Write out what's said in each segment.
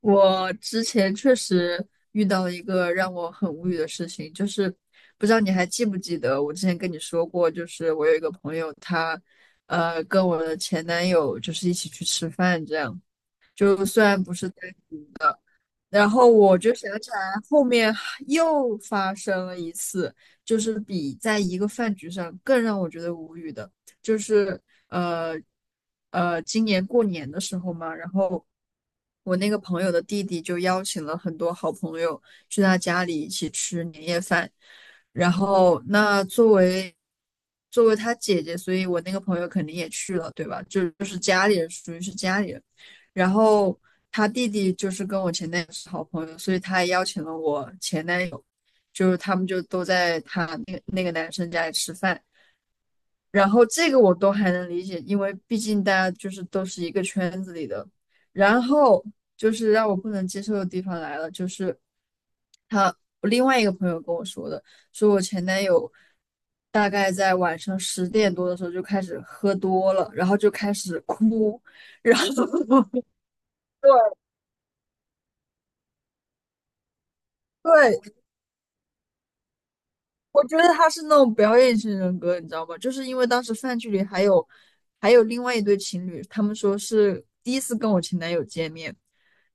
我之前确实遇到了一个让我很无语的事情，就是不知道你还记不记得我之前跟你说过，就是我有一个朋友他，跟我的前男友就是一起去吃饭，这样就虽然不是在，然后我就想起来，后面还又发生了一次，就是比在一个饭局上更让我觉得无语的，就是呃今年过年的时候嘛，然后我那个朋友的弟弟就邀请了很多好朋友去他家里一起吃年夜饭，然后那作为作为他姐姐，所以我那个朋友肯定也去了，对吧？就是家里人，属于是家里人。然后他弟弟就是跟我前男友是好朋友，所以他还邀请了我前男友，就是他们就都在他那个男生家里吃饭。然后这个我都还能理解，因为毕竟大家就是都是一个圈子里的。然后就是让我不能接受的地方来了，就是他我另外一个朋友跟我说的，说我前男友大概在晚上10点多的时候就开始喝多了，然后就开始哭，然后 对，对，我觉得他是那种表演型人格，你知道吗？就是因为当时饭局里还有另外一对情侣，他们说是第一次跟我前男友见面，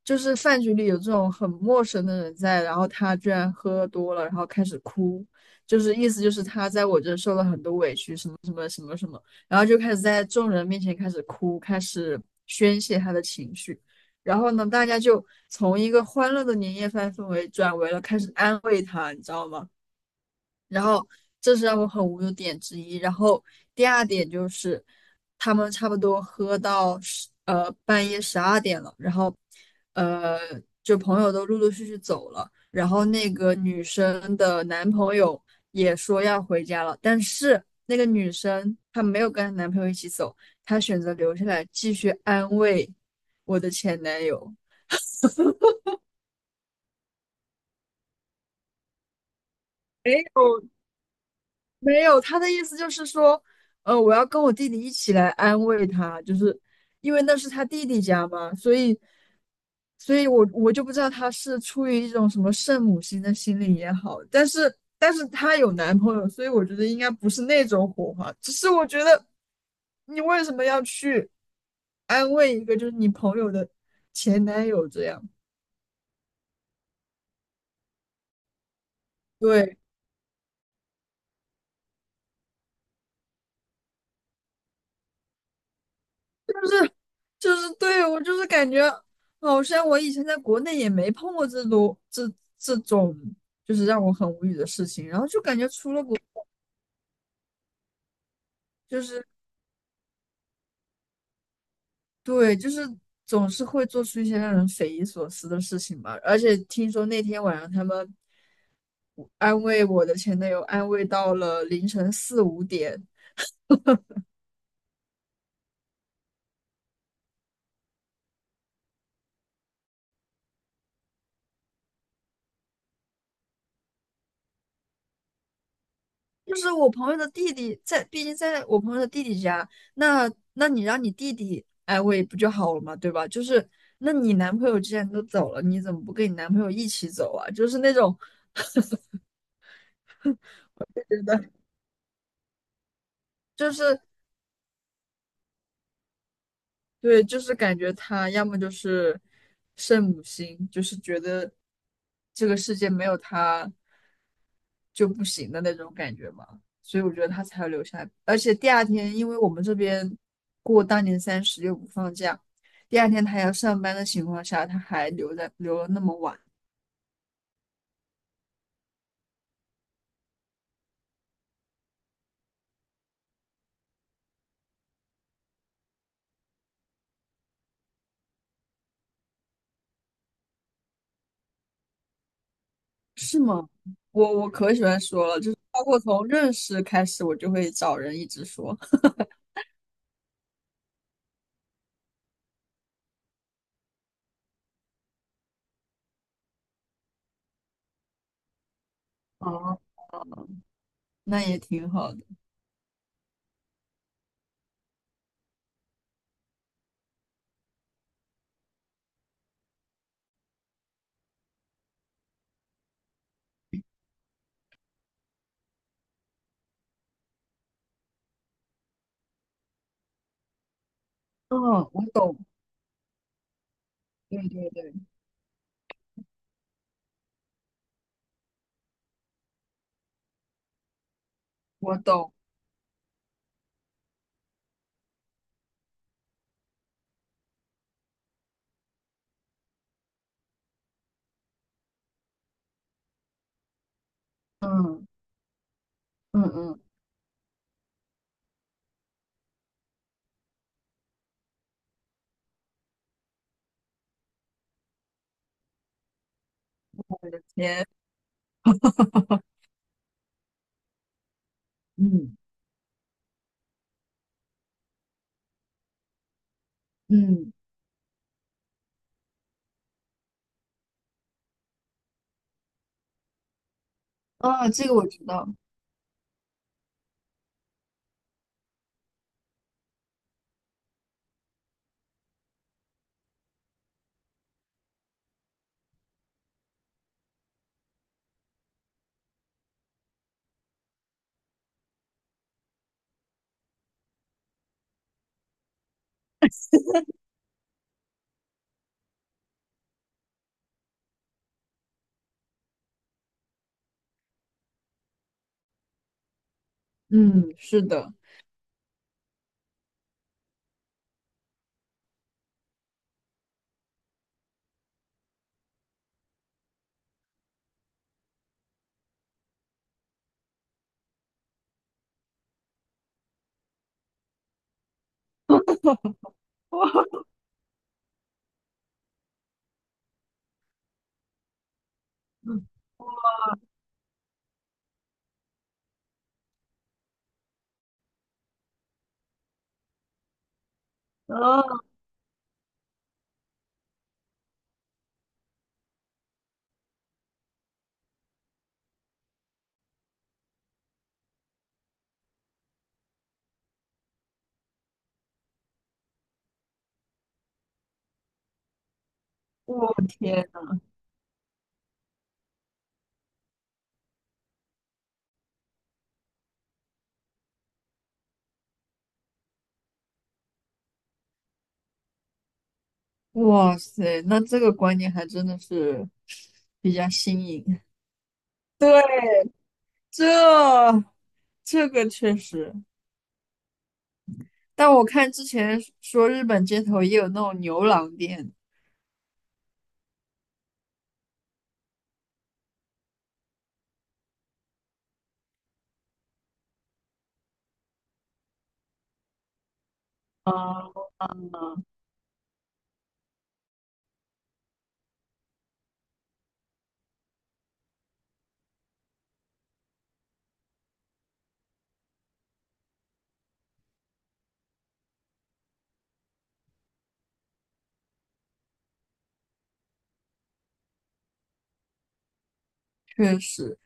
就是饭局里有这种很陌生的人在，然后他居然喝多了，然后开始哭，就是意思就是他在我这受了很多委屈，什么什么什么什么，然后就开始在众人面前开始哭，开始宣泄他的情绪。然后呢，大家就从一个欢乐的年夜饭氛围转为了开始安慰他，你知道吗？然后这是让我很无语的点之一。然后第二点就是，他们差不多喝到半夜12点了，然后呃就朋友都陆陆续续走了，然后那个女生的男朋友也说要回家了，但是那个女生她没有跟她男朋友一起走，她选择留下来继续安慰我的前男友。没有没有，他的意思就是说，我要跟我弟弟一起来安慰他，就是因为那是他弟弟家嘛，所以，所以我就不知道他是出于一种什么圣母心的心理也好，但是他有男朋友，所以我觉得应该不是那种火花，只是我觉得你为什么要去安慰一个就是你朋友的前男友这样？对。是就是对我就是感觉，好像我以前在国内也没碰过这种这种，就是让我很无语的事情。然后就感觉出了国，就是对，就是总是会做出一些让人匪夷所思的事情吧。而且听说那天晚上他们安慰我的前男友，安慰到了凌晨4、5点。就是我朋友的弟弟在，毕竟在我朋友的弟弟家，那那你让你弟弟安慰不就好了嘛，对吧？就是那你男朋友既然都走了，你怎么不跟你男朋友一起走啊？就是那种，就是。对，就是感觉他要么就是圣母心，就是觉得这个世界没有他就不行的那种感觉嘛，所以我觉得他才要留下来。而且第二天，因为我们这边过大年三十又不放假，第二天他还要上班的情况下，他还留了那么晚，是吗？我可喜欢说了，就是包括从认识开始，我就会找人一直说，哦，那也挺好的。嗯，我懂。对对对。我懂，嗯嗯嗯，我的天 嗯嗯，啊，这个我知道，嗯，是的，哇，啊，我天，哇塞，那这个观念还真的是比较新颖，对，这这个确实，但我看之前说日本街头也有那种牛郎店，啊，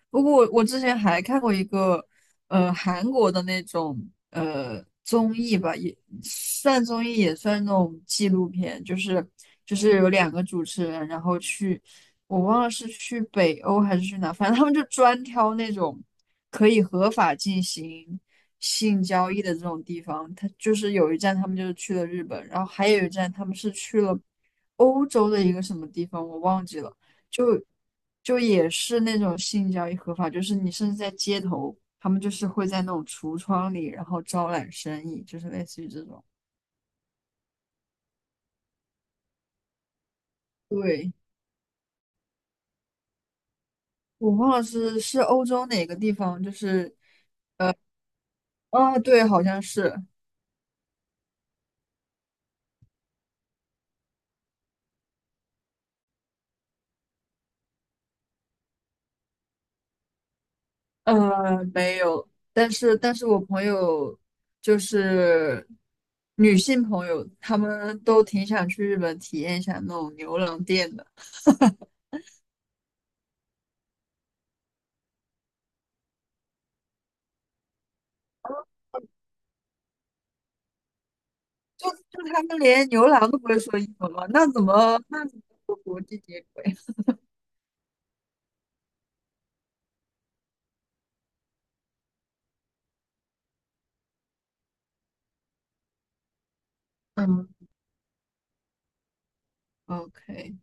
不过我之前还看过一个，韩国的那种综艺吧，也算综艺，也算那种纪录片，就是有两个主持人，然后去，我忘了是去北欧还是去哪，反正他们就专挑那种可以合法进行性交易的这种地方。他就是有一站他们就是去了日本，然后还有一站他们是去了欧洲的一个什么地方，我忘记了。就就也是那种性交易合法，就是你甚至在街头，他们就是会在那种橱窗里，然后招揽生意，就是类似于这种。对，我忘了是欧洲哪个地方，就是啊，对，好像是，没有，但是我朋友就是女性朋友，她们都挺想去日本体验一下那种牛郎店的，就他们连牛郎都不会说英文嘛，那怎么和国际接轨？嗯，OK，